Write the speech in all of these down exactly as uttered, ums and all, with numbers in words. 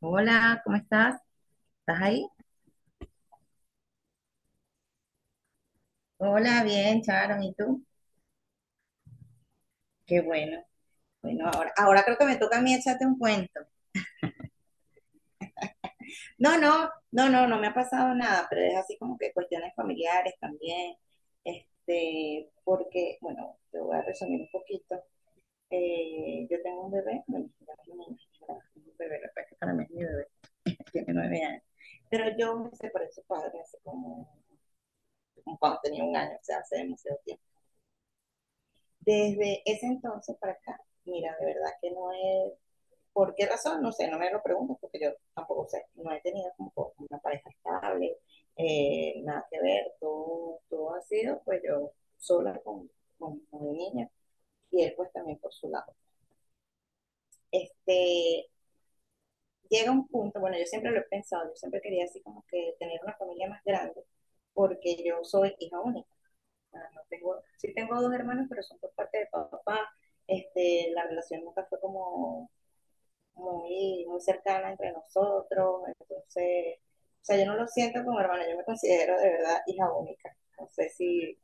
Hola, ¿cómo estás? ¿Estás ahí? Hola, bien, Charon, ¿y tú? Qué bueno. Bueno, ahora, ahora creo que me toca a mí echarte un cuento. No, no, no, no, no me ha pasado nada, pero es así como que cuestiones familiares también, este, porque, bueno, te voy a resumir un poquito. Eh, yo tengo un bebé, bueno, ya no es un niño, ya no es un bebé, la verdad que para mí es mi bebé, tiene nueve años, pero yo me separé de su padre hace como, como, cuando tenía un año, o sea, hace demasiado tiempo. Desde ese entonces para acá, mira, de verdad que no es, ¿por qué razón? No sé, no me lo pregunto porque yo tampoco sé, no he tenido como una pareja estable, eh, nada que ver, todo, todo ha sido pues yo sola con, con, con mi niña y él pues también por su lado. Este, llega un punto, bueno, yo siempre lo he pensado, yo siempre quería así como que tener una familia más grande, porque yo soy hija única. Ah, no tengo, sí tengo dos hermanos, pero son por parte de papá. Este, la relación nunca fue como muy, muy cercana entre nosotros. Entonces, o sea, yo no lo siento como hermana, yo me considero de verdad hija única. No sé si,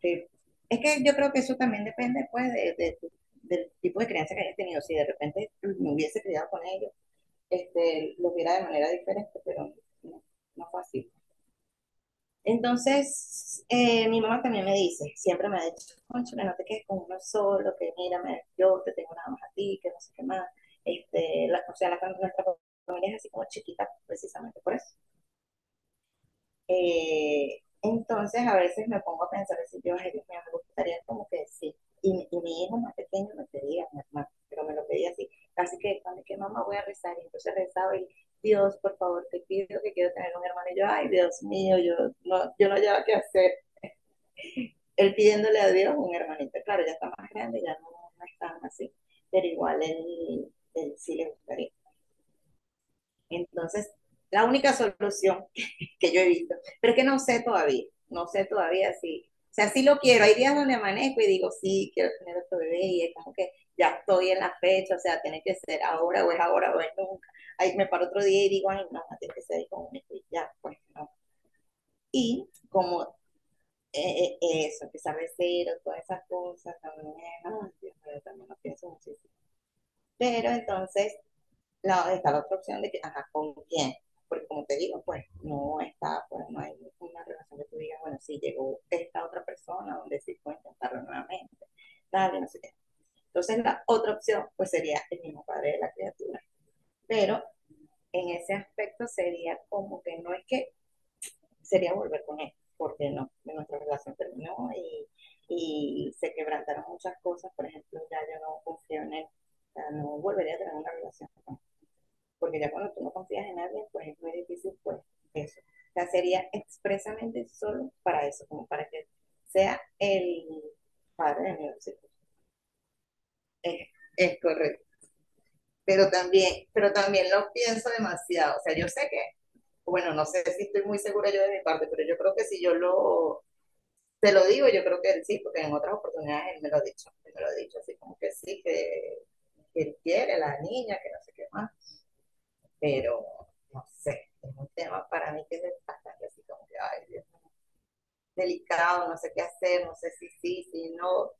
si- es que yo creo que eso también depende pues de, de tu- del tipo de crianza que hayas tenido. Si de repente me hubiese criado con ellos, este, lo viera de manera diferente, pero no, no fue así. Entonces, eh, mi mamá también me dice, siempre me ha dicho, cónchale, no te quedes con uno solo, que mírame, yo te tengo nada más a ti, que no sé qué más. Este, la, o sea, la, nuestra familia es así como chiquita, precisamente por eso. Eh, entonces, a veces me pongo a pensar, si yo, ay, Dios mío, me gustaría como que sí. Y, y mi hijo más pequeño me pedía, mi hermano, pero me lo pedía así. Así que, ¿cuando es que mamá voy a rezar? Y entonces rezaba y, Dios, por favor, te pido que quiero tener un hermano. Y yo, ay, Dios mío, yo no, yo no llevo qué hacer él pidiéndole a Dios un hermanito. Claro, ya está más grande, ya no, no es así, pero igual él, él, sí le gustaría. Entonces, la única solución que yo he visto, pero es que no sé todavía, no sé todavía si, o sea, sí lo quiero. Hay días donde amanezco y digo, sí, quiero tener otro bebé y es como que ya estoy en la fecha, o sea, tiene que ser ahora o es ahora o es nunca. Ahí me paro otro día y digo, ay, no, tiene que ser con un ya, pues no. Y como eh, eh, eso, que sea mesero, todas esas cosas, también, ay, Dios mío, también lo pienso muchísimo. Pero entonces, la, está la otra opción de que, ajá, ¿con quién? Porque como te digo, pues no está, pues no hay una relación que tú digas, bueno, sí, llegó esta otra persona donde sí puedo intentarlo nuevamente, tal, y no sé qué. Entonces, la otra opción, pues sería el mismo padre de la criatura. Pero en ese aspecto sería como que no es que sería volver con él, porque no, nuestra relación terminó y, y se quebrantaron muchas cosas. Por ejemplo, ya yo no confío en él, o sea, no volvería a tener una relación con él, porque ya cuando tú no confías en alguien, pues es muy difícil, pues eso. O sea, sería expresamente solo para eso, como para que sea el padre de mi hijos. Es, es correcto. Pero también, pero también lo pienso demasiado. O sea, yo sé que, bueno, no sé si estoy muy segura yo de mi parte, pero yo creo que si yo lo te lo digo, yo creo que él sí, porque en otras oportunidades él me lo ha dicho, él me lo ha dicho así como que sí, que, que él quiere a la niña, que no sé qué más, pero no sé, es un tema para mí que es bastante así como que, ay, Dios, delicado, no sé qué hacer, no sé si sí, si no.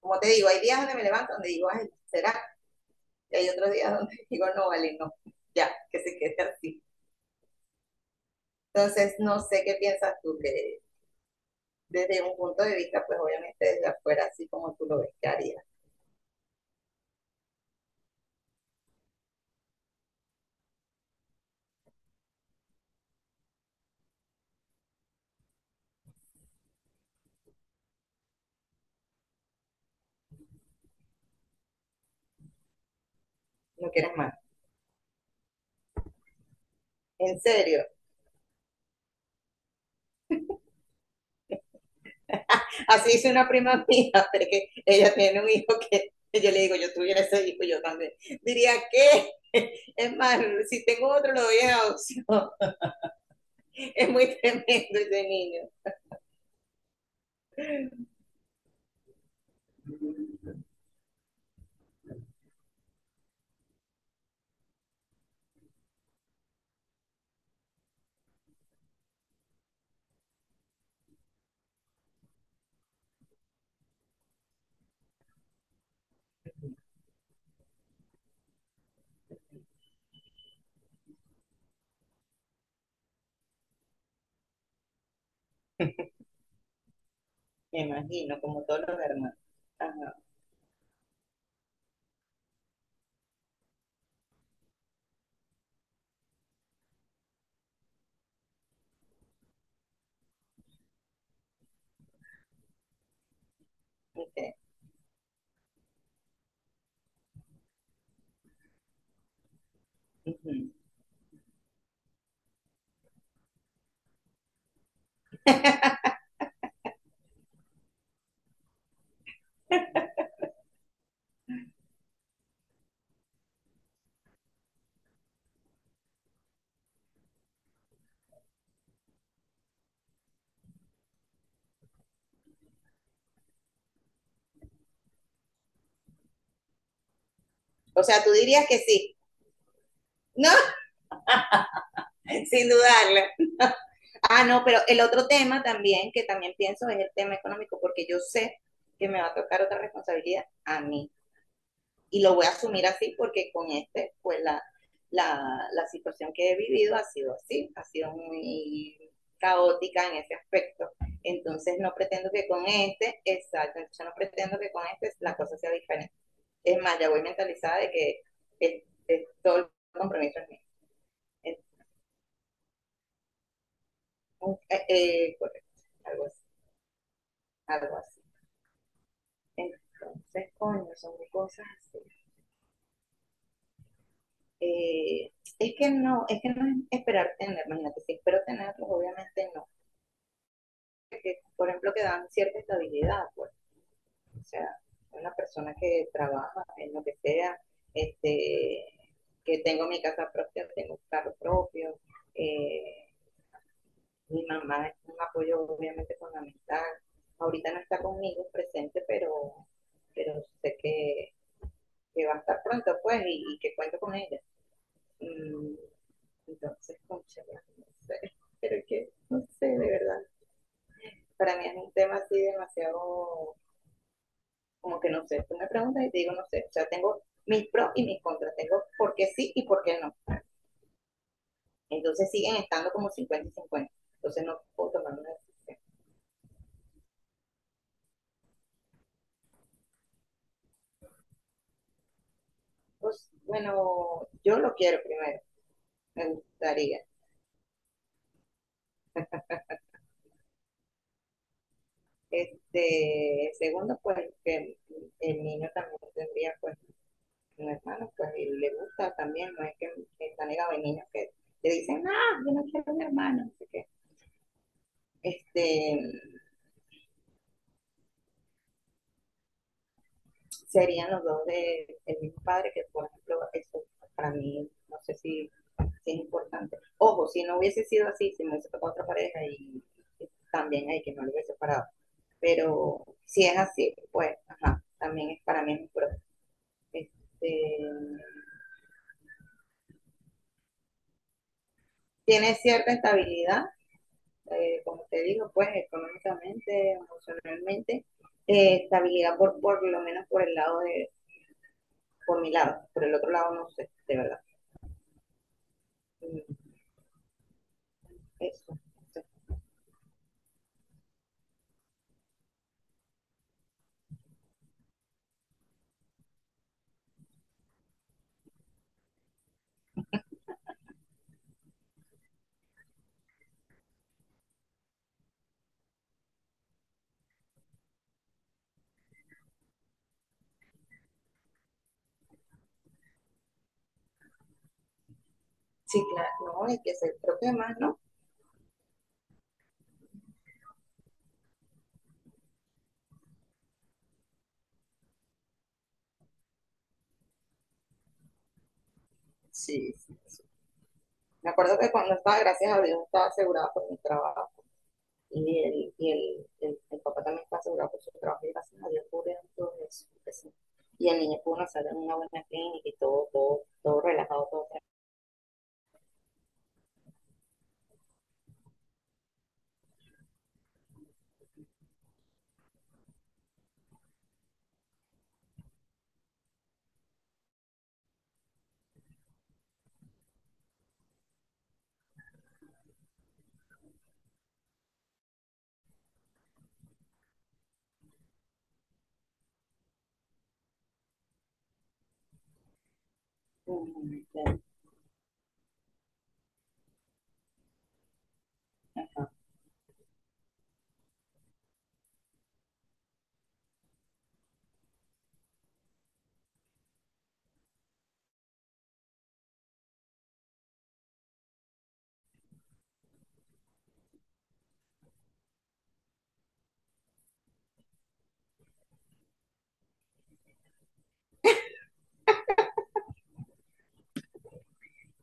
Como te digo, hay días donde me levanto donde digo, ay, será, y hay otros días donde digo, no, vale, no, ya, que se quede así. Entonces, no sé qué piensas tú, que desde un punto de vista, pues obviamente desde afuera, así como tú lo ves, ¿qué harías? No quieres más. En serio, así hizo una prima mía, porque ella tiene un hijo que yo le digo, yo tuviera ese hijo, yo también. Diría que, es más, si tengo otro, lo doy en adopción. Es muy tremendo ese niño. Me imagino, como todos los hermanos. Ajá, okay. Ujú. O sea, tú dirías que sí. No, sin dudarlo. Ah, no, pero el otro tema también, que también pienso, es el tema económico, porque yo sé que me va a tocar otra responsabilidad a mí. Y lo voy a asumir así porque con este, pues la, la, la situación que he vivido ha sido así, ha sido muy caótica en ese aspecto. Entonces no pretendo que con este, exacto, yo no pretendo que con este la cosa sea diferente. Es más, ya voy mentalizada de que es, es todo el compromiso es mío. Es eh, eh, correcto, algo así, algo así. Entonces, coño, son cosas así. Eh, es que no, es que no es esperar tener, imagínate, si espero tenerlos, obviamente no que, por ejemplo, que dan cierta estabilidad, pues, o sea, una persona que trabaja en lo que sea, este, que tengo mi casa propia, tengo un carro propio, eh, mi mamá es un apoyo obviamente fundamental, ahorita no está conmigo presente, pero, pero sé que, que va a estar pronto, pues, y, y que cuento con ella. Mm, Entonces, concha, no sé, pero que, no sé, de verdad, para mí es un tema así demasiado como que no sé, tú me preguntas y te digo no sé, o sea, tengo mis pros y mis contras, tengo por qué sí y por qué no. Entonces siguen estando como cincuenta y cincuenta entonces no puedo tomar una decisión. Pues bueno, yo lo quiero primero, me gustaría. Este, segundo, pues que el niño también tendría pues un hermano, pues y le gusta también, no es que, que está negado, hay niños que le dicen, ah, yo no quiero un hermano, así que, este, serían los dos del de mismo padre, que por ejemplo, eso para mí, no sé si, si es importante. Ojo, si no hubiese sido así, si me hubiese tocado otra pareja y, y también hay que no lo hubiese separado. Pero si es así, pues, ajá, también es para mí un pro. Este, tiene cierta estabilidad, eh, como te digo, pues económicamente, emocionalmente, eh, estabilidad por, por lo menos por el lado de, por mi lado, por el otro lado no sé, de verdad. Mm, eso. Sí, claro, no, y que se, creo que más, ¿no? Sí, sí, sí. Me acuerdo que cuando estaba, gracias a Dios, estaba asegurada por mi trabajo. Y el, y el, el, el papá también está asegurado por su trabajo. Y gracias a Dios cubrieron todo eso, que sí. Y el niño pudo nacer en una buena clínica y todo, todo, todo relajado, todo tranquilo. Claro.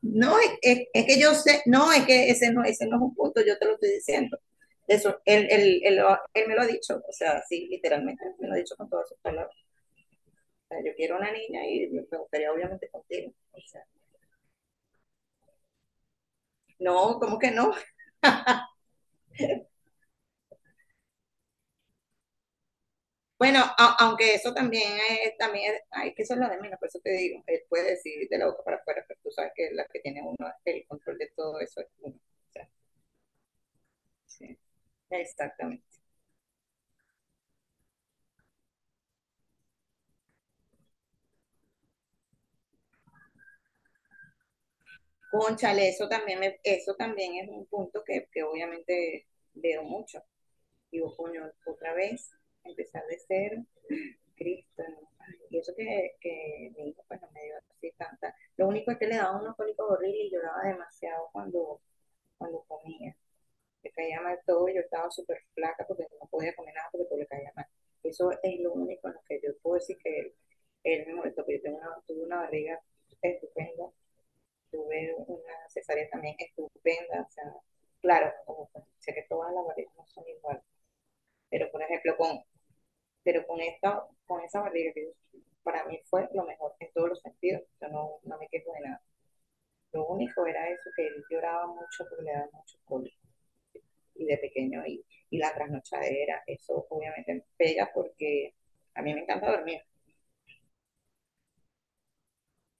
No, es, es- es que yo sé, no, es que ese no, ese no es un punto, yo te lo estoy diciendo. Eso, él, él, él, lo- él me lo ha dicho, o sea, sí, literalmente, me lo ha dicho con todas sus palabras. Yo quiero una niña y me gustaría obviamente contigo. O sea, no, ¿cómo que no? Bueno, a- aunque eso también es, también es, ay, que eso es lo de menos, por eso te digo, él puede decir de la boca para afuera, pero tú sabes que la que tiene uno, el control de todo eso es uno. O sea, sí, exactamente. Cónchale, eso también, me- eso también es un punto que, que obviamente veo mucho. Digo, coño, otra vez, empezar de cero, Cristo. ¿No? Ay, y eso que, que mi hijo pues no me dio así tanta. Lo único es que le daba unos cólicos horribles y lloraba demasiado cuando, cuando comía. Le caía mal todo y yo estaba súper flaca porque no podía comer nada porque todo le caía mal. Eso es lo único en lo que yo puedo decir que él, él me molestó, porque yo tengo una- tuve una barriga estupenda, tuve una cesárea también estupenda. O sea, claro, como sé que todas las barrigas no son iguales, pero por ejemplo, con, pero con esta, con esa barriga que yo sentí, para mí fue lo mejor en todos los sentidos. Yo no, no me quejo de nada. Lo único era eso, que él lloraba mucho porque le daba mucho cólico y de pequeño y, y la trasnochadera. Eso obviamente me pega porque a mí me encanta dormir.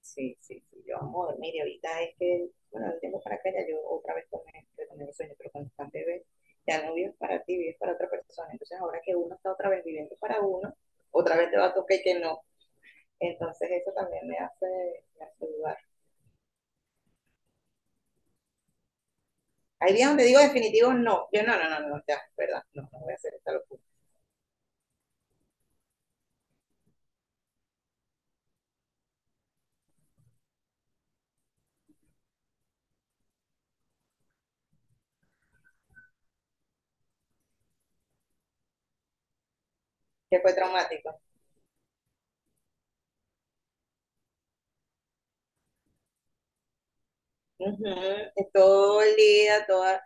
Sí, sí, sí, yo amo dormir. Y ahorita es que, bueno, el tiempo para acá ya yo otra vez tomé, retomé el sueño, pero cuando estás bebé, ya no vives para ti, vives para otra persona. Entonces ahora que uno está otra vez viviendo para uno, otra vez te va a tocar que no. Entonces eso también me hace, me hace dudar. Hay días donde digo definitivos no. Yo no, no, no, no, ya, es verdad, no, no voy a hacer esta locura. Que fue traumático. Ujú, es todo el día, toda...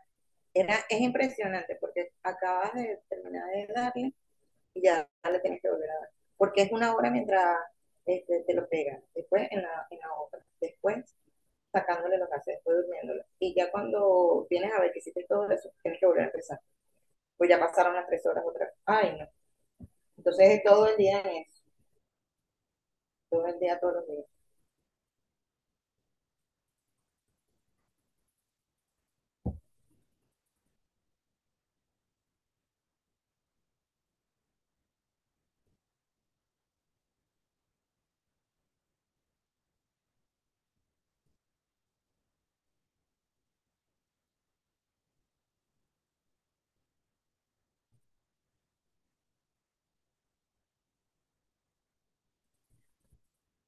Era, es impresionante porque acabas de terminar de darle y ya le tienes que volver a dar. Porque es una hora mientras este, te lo pegan, después en la, en la otra, después sacándole los gases, después durmiéndolo. Y ya cuando vienes a ver que hiciste todo eso, tienes que volver a empezar. Pues ya pasaron las tres horas otra vez. Ay, no. Entonces es todo el día en eso, todo el día, todos los días.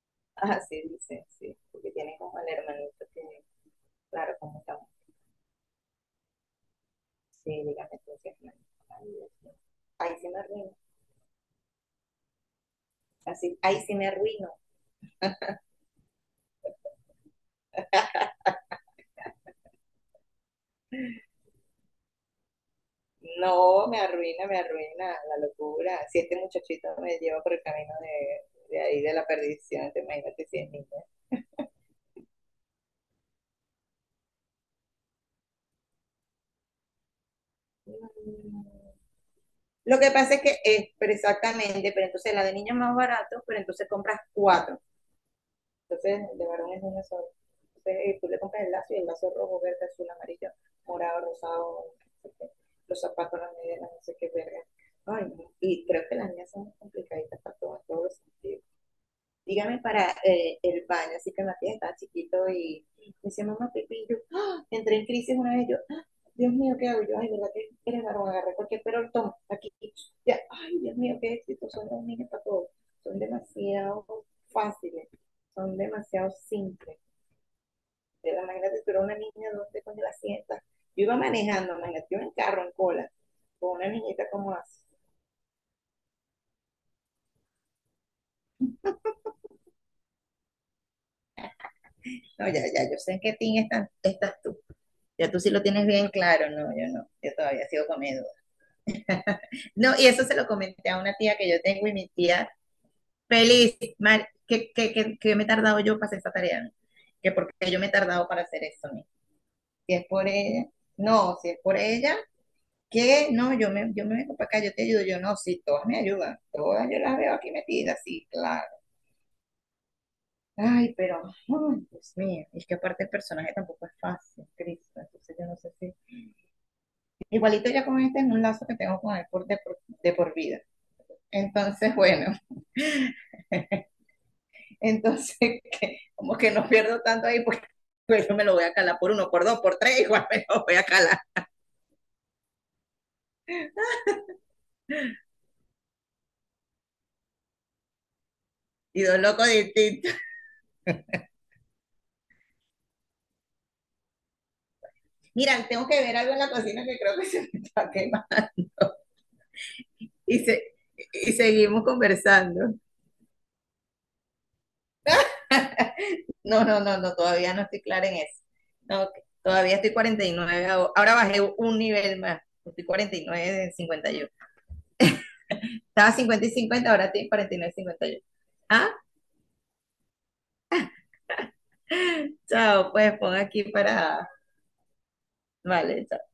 Así dice, sí, porque tienen como el hermanito que, claro, como estamos. Sí, dígame tú, sí, hermano. Ay, Dios mío. Ahí sí me arruino. Así, ahí sí me arruino. No, me arruina, me arruina la locura. Si este muchachito me lleva por el camino de, de ahí, de la perdición, te imagínate si es niña. Mm. Lo que pasa es que es, pero exactamente, pero entonces la de niño es más barato, pero entonces compras cuatro. Entonces, de varón es una sola. Entonces, eh, tú le compras el lazo, y el lazo rojo, verde, azul, amarillo, morado, rosado, no sé qué, los zapatos, las medias, no sé qué verga. Ay, no. Y creo que las niñas son complicadas para todo, en todos los sentidos. Dígame para eh, el baño. Así que Matías estaba chiquito y me decía, mamá, Pepe, y yo ¡ah! Entré en crisis una vez. Yo, ¡ah! Dios mío, ¿qué hago? Yo, ay, ¿verdad que eres varón? Agarré cualquier, pero toma, aquí, ya, ay, Dios mío, qué éxito son los niños para todo. Son demasiado fáciles, son demasiado simples. Pero imagínate, tú eres una niña, ¿dónde cuando la sientas? Yo iba manejando, imagínate, yo en carro, en cola, con una niñita como así. No, ya, ya, yo sé en qué team están- estás tú. Ya tú sí lo tienes bien claro. No, yo no, yo todavía sigo comiendo. No, y eso se lo comenté a una tía que yo tengo, y mi tía, feliz, mal, que, que, que, que me he tardado yo para hacer esa tarea, ¿no? Que porque yo me he tardado para hacer eso, ¿no? Si es por ella, no, si es por ella, que no, yo me, yo me vengo para acá, yo te ayudo, yo no, sí, todas me ayudan, todas yo las veo aquí metidas, sí, claro. Ay, pero, ay, Dios mío, es que aparte el personaje tampoco es fácil, Cristo, entonces yo no sé si. Igualito ya con este es un lazo que tengo con el por de por, de por vida. Entonces, bueno, entonces que- como que no pierdo tanto ahí, porque pues, yo me lo voy a calar por uno, por dos, por tres, igual me lo voy a calar. Y dos locos distintos. Mira, tengo que ver algo en la cocina que creo que se me está quemando. Y, se- y seguimos conversando. No, no, no, no, todavía no estoy clara en eso. No, todavía estoy cuarenta y nueve, ahora bajé un nivel más. Estoy cuarenta y nueve de cincuenta y uno. Estaba cincuenta y cincuenta, ahora tiene cuarenta y nueve cincuenta y uno. Ah, chao, pues pon aquí para... Vale, chao.